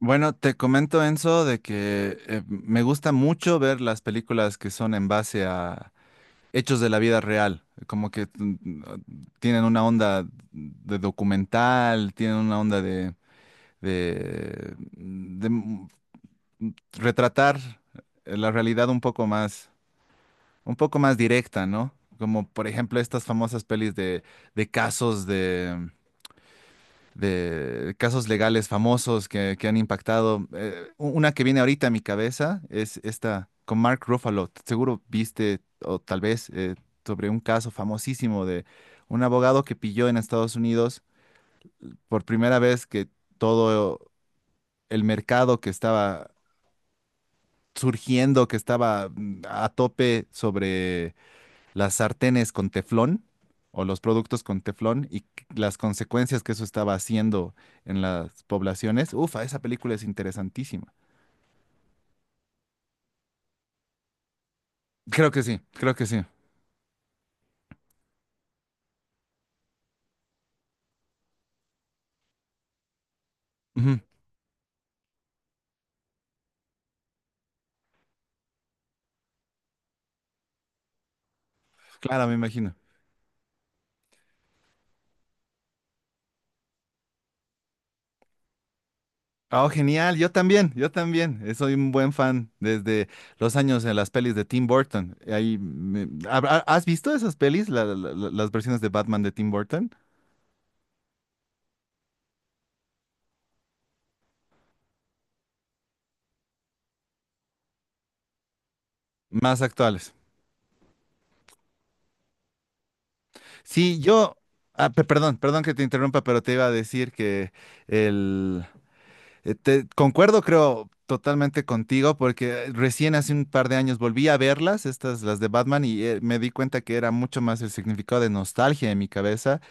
Bueno, te comento, Enzo, de que me gusta mucho ver las películas que son en base a hechos de la vida real, como que tienen una onda de documental, tienen una onda de retratar la realidad un poco más directa, ¿no? Como por ejemplo estas famosas pelis de casos de casos legales famosos que han impactado. Una que viene ahorita a mi cabeza es esta con Mark Ruffalo. Seguro viste, o tal vez, sobre un caso famosísimo de un abogado que pilló en Estados Unidos por primera vez que todo el mercado que estaba surgiendo, que estaba a tope sobre las sartenes con teflón o los productos con teflón las consecuencias que eso estaba haciendo en las poblaciones. Ufa, esa película es interesantísima. Creo que sí, creo que sí. Ujú. Claro, me imagino. Oh, genial, yo también, yo también. Soy un buen fan desde los años de las pelis de Tim Burton. ¿Has visto esas pelis, las versiones de Batman de Tim Burton? Más actuales. Sí, yo, perdón que te interrumpa, pero te iba a decir que el, concuerdo, creo, totalmente contigo, porque recién hace un par de años volví a verlas, estas, las de Batman, y me di cuenta que era mucho más el significado de nostalgia en mi cabeza,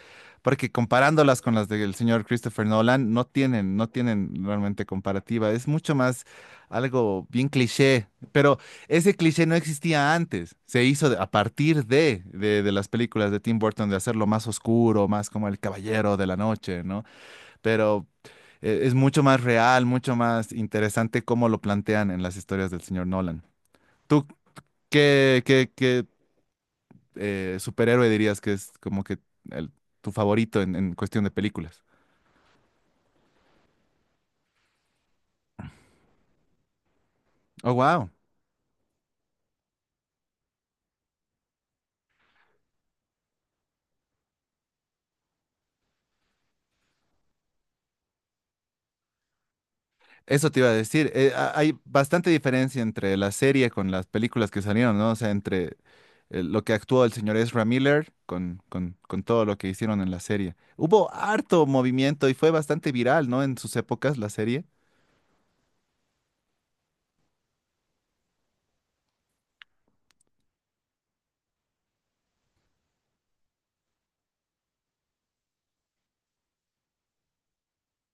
porque comparándolas con las del señor Christopher Nolan, no tienen realmente comparativa. Es mucho más algo bien cliché, pero ese cliché no existía antes. Se hizo a partir de las películas de Tim Burton, de hacerlo más oscuro, más como el caballero de la noche, ¿no? Pero es mucho más real, mucho más interesante cómo lo plantean en las historias del señor Nolan. ¿Tú qué superhéroe dirías que es como que el- tu favorito en cuestión de películas? Oh, wow. Eso te iba a decir. Hay bastante diferencia entre la serie con las películas que salieron, ¿no? O sea, entre lo que actuó el señor Ezra Miller con todo lo que hicieron en la serie. Hubo harto movimiento y fue bastante viral, ¿no? En sus épocas, la serie.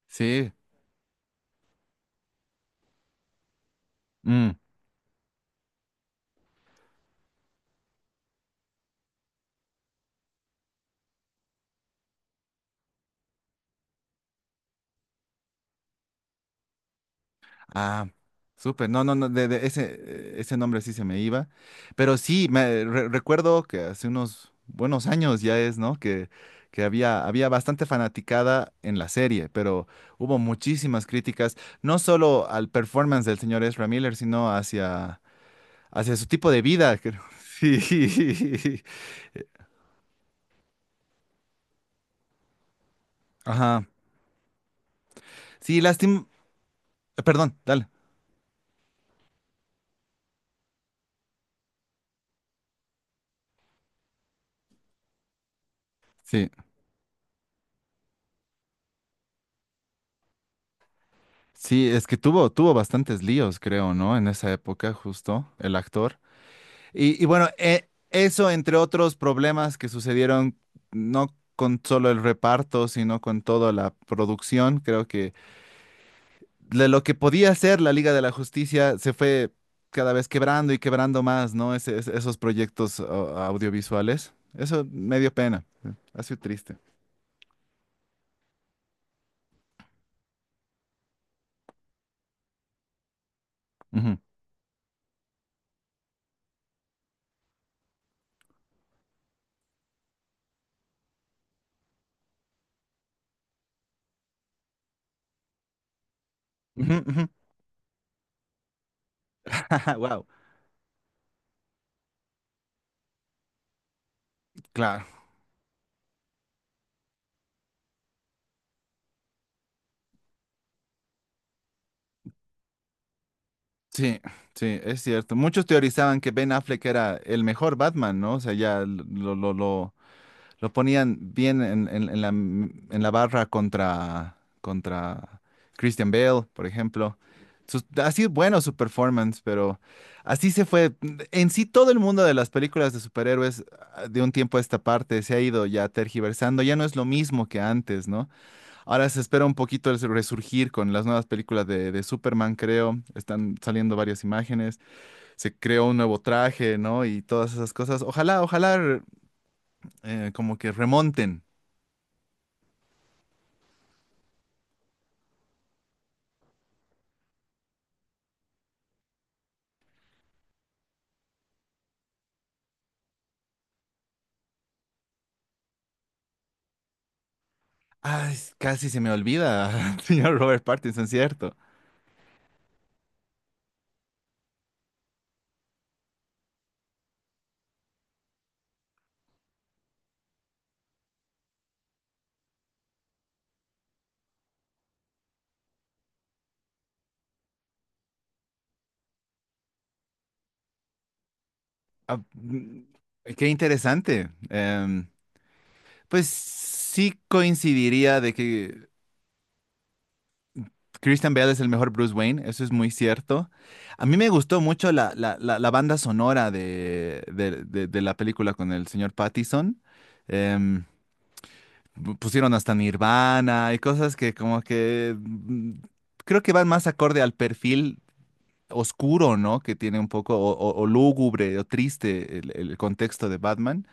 Sí. Mm. Ah, súper. No, no, no, de ese nombre sí se me iba. Pero sí, me recuerdo que hace unos buenos años ya es, ¿no? Que había bastante fanaticada en la serie, pero hubo muchísimas críticas, no solo al performance del señor Ezra Miller, sino hacia su tipo de vida, creo. Sí. Ajá. Sí, lástima. Perdón, dale. Sí. Sí, es que tuvo bastantes líos, creo, ¿no? En esa época, justo, el actor. Y bueno, eso entre otros problemas que sucedieron, no con solo el reparto, sino con toda la producción, creo que de lo que podía hacer la Liga de la Justicia se fue cada vez quebrando y quebrando más, ¿no? Esos proyectos audiovisuales. Eso me dio pena, ha sido triste. Ujú. Ujú, ujú. Wow. Claro, sí, sí, es cierto. Muchos teorizaban que Ben Affleck era el mejor Batman, ¿no? O sea, ya lo ponían bien en en la barra contra Christian Bale, por ejemplo. Ha sido bueno su performance, pero así se fue. En sí, todo el mundo de las películas de superhéroes de un tiempo a esta parte se ha ido ya tergiversando. Ya no es lo mismo que antes, ¿no? Ahora se espera un poquito el resurgir con las nuevas películas de Superman, creo. Están saliendo varias imágenes. Se creó un nuevo traje, ¿no? Y todas esas cosas. Ojalá, ojalá, como que remonten. Ay, casi se me olvida, señor Robert Pattinson, ¿cierto? Ah, mm, Qué interesante. Pues sí coincidiría de que Christian Bale es el mejor Bruce Wayne, eso es muy cierto. A mí me gustó mucho la banda sonora de la película con el señor Pattinson. Em, Pusieron hasta Nirvana y cosas que como que creo que van más acorde al perfil oscuro, ¿no? Que tiene un poco, o lúgubre, o triste el contexto de Batman,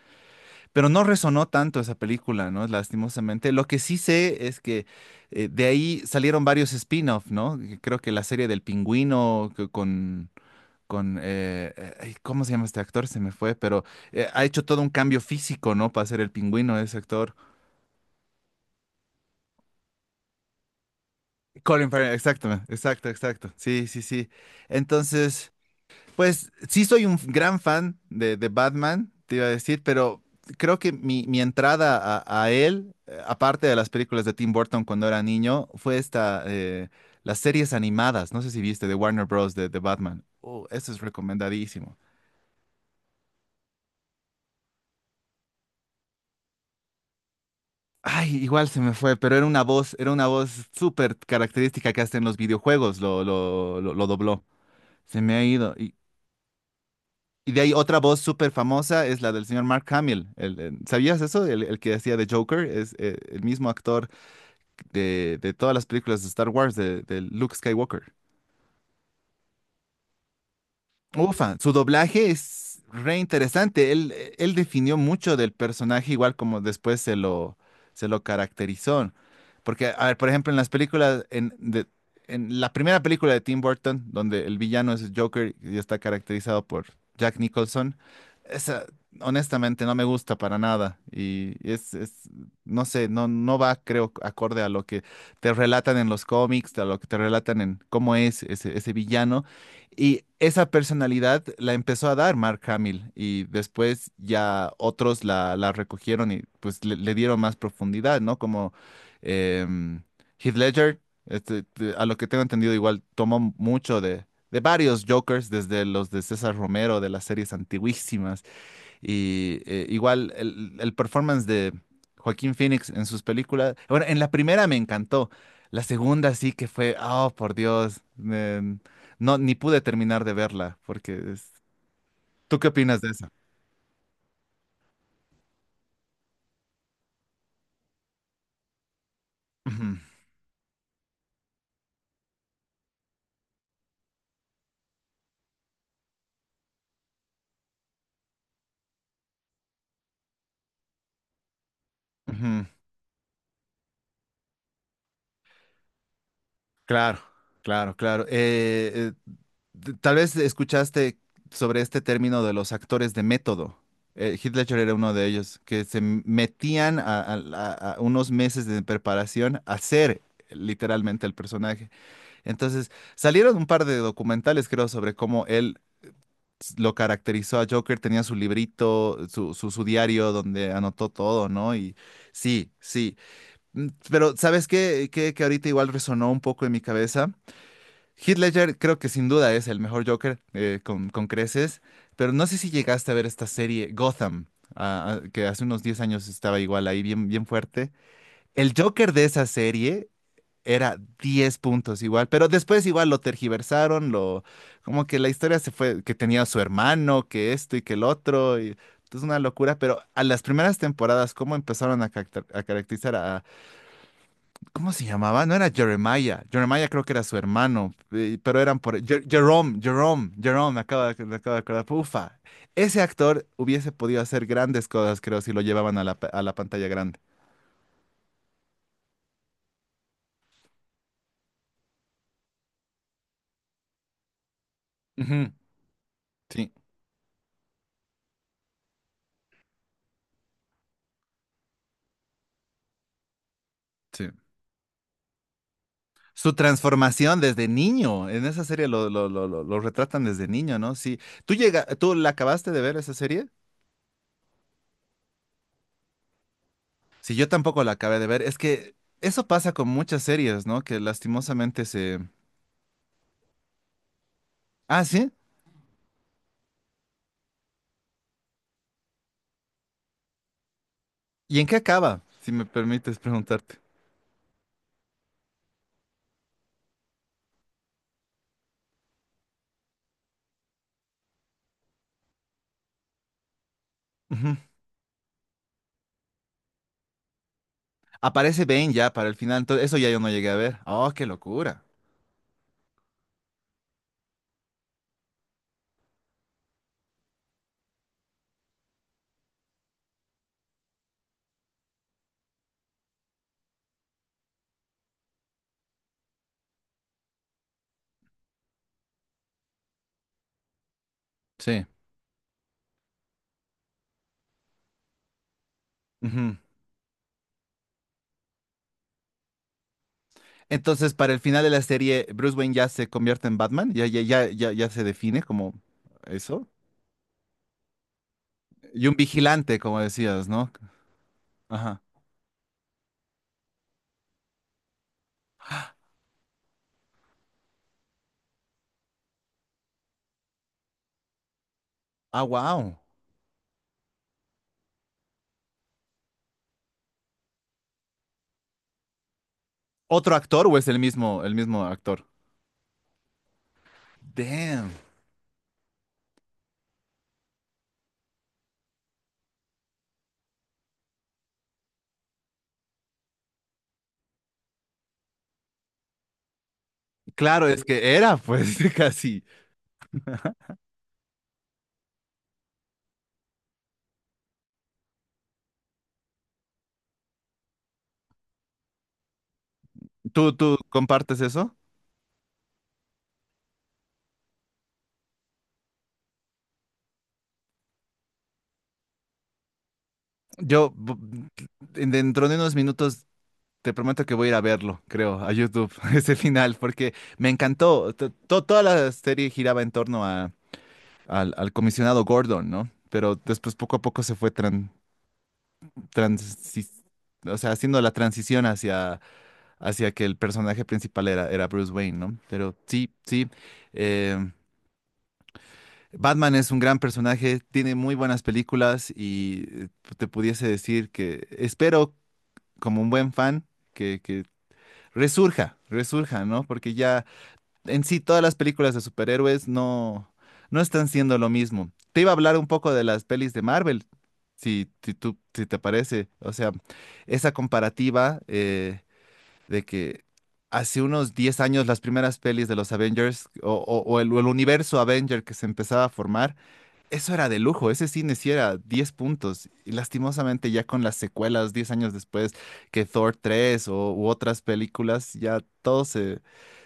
pero no resonó tanto esa película, ¿no? Lastimosamente. Lo que sí sé es que de ahí salieron varios spin-off, ¿no? Que Creo que la serie del pingüino que con ay, ¿cómo se llama este actor? Se me fue, pero ha hecho todo un cambio físico, ¿no? Para ser el pingüino ese actor. Colin Farrell, exacto, exacto, exacto. Sí, sí, sí. Entonces. Pues sí soy un gran fan de Batman, te iba a decir, pero creo que mi entrada a él, aparte de las películas de Tim Burton cuando era niño, fue esta, las series animadas, no sé si viste, de Warner Bros. de Batman. Oh, eso es recomendadísimo. Ay, igual se me fue, pero era una voz súper característica que hasta en los videojuegos lo dobló. Se me ha ido. Y de ahí otra voz súper famosa es la del señor Mark Hamill. ¿Sabías eso? El que hacía de Joker es el mismo actor de todas las películas de Star Wars, de Luke Skywalker. Ufa, su doblaje es re interesante. Él definió mucho del personaje, igual como después se lo caracterizó. Porque, a ver, por ejemplo, en las películas, en la primera película de Tim Burton, donde el villano es Joker y está caracterizado por Jack Nicholson, esa honestamente no me gusta para nada. Y no sé, no, no va, creo, acorde a lo que te relatan en los cómics, a lo que te relatan en cómo es ese villano. Y esa personalidad la empezó a dar Mark Hamill y después ya otros la recogieron y pues le dieron más profundidad, ¿no? Como em, Heath Ledger, a lo que tengo entendido igual tomó mucho de varios Jokers, desde los de César Romero, de las series antiguísimas, y igual el performance de Joaquín Phoenix en sus películas. Bueno, en la primera me encantó. La segunda sí que fue, oh, por Dios. No, ni pude terminar de verla ¿Tú qué opinas de eso? Ujú, ujú. Claro, claro, claro. Tal vez escuchaste sobre este término de los actores de método. Heath Ledger era uno de ellos, que se metían a unos meses de preparación a hacer literalmente el personaje. Entonces, salieron un par de documentales, creo, sobre cómo él lo caracterizó a Joker. Tenía su librito, su diario donde anotó todo, ¿no? Y sí, sí. Pero, ¿sabes qué? Que ahorita igual resonó un poco en mi cabeza. Heath Ledger creo que sin duda es el mejor Joker con creces, pero no sé si llegaste a ver esta serie Gotham, que hace unos 10 años estaba igual ahí bien, bien fuerte. El Joker de esa serie era 10 puntos igual, pero después igual lo tergiversaron, lo como que la historia se fue, que tenía su hermano, que esto y que el otro, y es una locura, pero a las primeras temporadas, ¿cómo empezaron a caracterizar a, ¿cómo se llamaba? No era Jeremiah, Jeremiah creo que era su hermano, pero eran por, Jerome, me acabo de acordar, ufa, ese actor hubiese podido hacer grandes cosas, creo, si lo llevaban a a la pantalla grande. Ujú. Sí, sí. Su transformación desde niño. En esa serie lo retratan desde niño, ¿no? Sí. ¿Tú la acabaste de ver esa serie? Sí, yo tampoco la acabé de ver. Es que eso pasa con muchas series, ¿no? Que lastimosamente se. Ah, sí. ¿Y en qué acaba? Si me permites preguntarte. Ujú. Aparece Bane ya para el final. Entonces, eso ya yo no llegué a ver. Oh, qué locura. Sí. Ujú. Entonces, para el final de la serie, Bruce Wayne ya se convierte en Batman. Ya, ya, ya, ya, ya se define como eso. Y un vigilante, como decías, ¿no? Ajá. Ah, wow. ¿Otro actor o es el mismo actor? Damn. Claro, es que era, pues, casi. ¿Tú compartes eso? Yo, bu- Dentro de unos minutos, te prometo que voy a ir a verlo, creo, a YouTube, ese final, porque me encantó. Toda la serie giraba en torno al comisionado Gordon, ¿no? Pero después, poco a poco, se fue transi- o sea, haciendo la transición hacia que el personaje principal era Bruce Wayne, ¿no? Pero sí, sí. eh, Batman es un gran personaje, tiene muy buenas películas y te pudiese decir que espero, como un buen fan, que resurja, resurja, ¿no? Porque ya en sí todas las películas de superhéroes no, no están siendo lo mismo. Te iba a hablar un poco de las pelis de Marvel, si, si te parece. O sea, esa comparativa. De que hace unos 10 años las primeras pelis de los Avengers o o el universo Avenger que se empezaba a formar, eso era de lujo, ese cine sí era 10 puntos. Y lastimosamente ya con las secuelas 10 años después que Thor 3 u otras películas, ya todo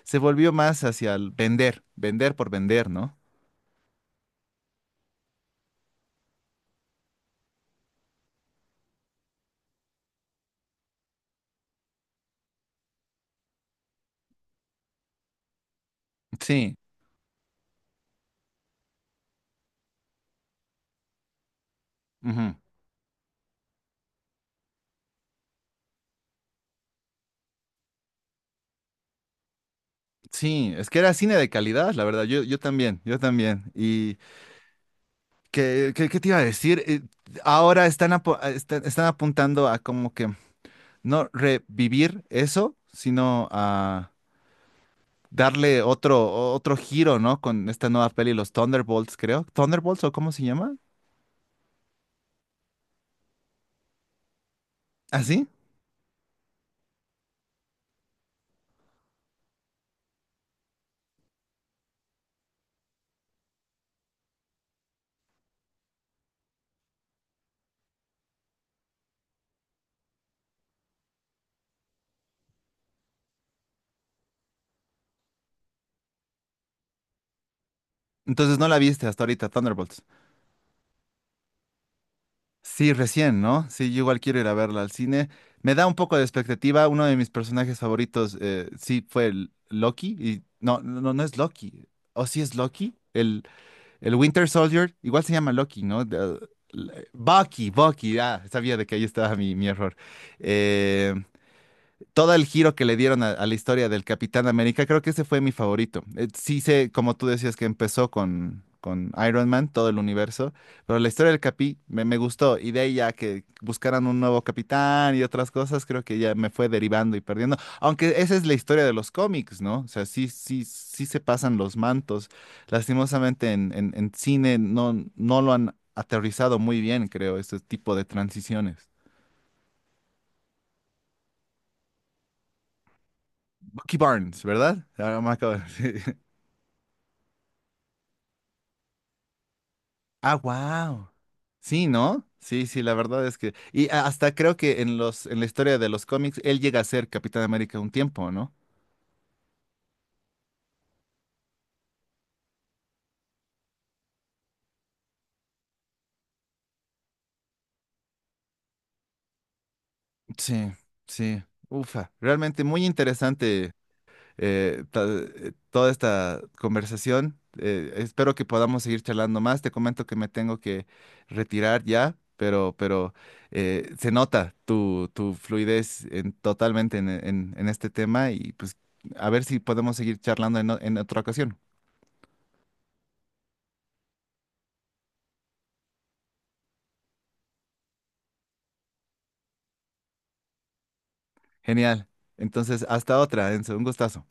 se volvió más hacia el vender, vender por vender, ¿no? Sí, ujú. Sí, es que era cine de calidad, la verdad, yo también, yo también. ¿Qué te iba a decir? Ahora están apuntando a como que no revivir eso, sino a darle otro giro, ¿no? Con esta nueva peli, los Thunderbolts, creo. ¿Thunderbolts o cómo se llama? ¿Ah, sí? Entonces no la viste hasta ahorita, Thunderbolts. Sí, recién, ¿no? Sí, yo igual quiero ir a verla al cine. Me da un poco de expectativa. Uno de mis personajes favoritos, sí, fue el Loki. Y no, no, no no es Loki. ¿O sí es Loki? El Winter Soldier, igual se llama Loki, ¿no? Bucky, Bucky, ah, sabía de que ahí estaba mi error. Eh, Todo el giro que le dieron a la historia del Capitán América, creo que ese fue mi favorito. Sí sé, como tú decías, que empezó con Iron Man, todo el universo, pero la historia del Capi me gustó y de ahí ya que buscaran un nuevo capitán y otras cosas, creo que ya me fue derivando y perdiendo. Aunque esa es la historia de los cómics, ¿no? O sea, sí, sí, sí se pasan los mantos. Lastimosamente en cine no, no lo han aterrizado muy bien, creo, este tipo de transiciones. Bucky Barnes, ¿verdad? Ahora me acabo de- Ah, wow. Sí, ¿no? Sí, sí, la verdad es que. Hasta creo que en la historia de los cómics, él llega a ser Capitán América un tiempo, ¿no? Sí, sí. Ufa. Realmente muy interesante toda esta conversación. Espero que podamos seguir charlando más. Te comento que me tengo que retirar ya, pero, se nota tu fluidez totalmente en este tema y pues a ver si podemos seguir charlando en otra ocasión. Genial. Entonces, hasta otra, Enzo. Un gustazo.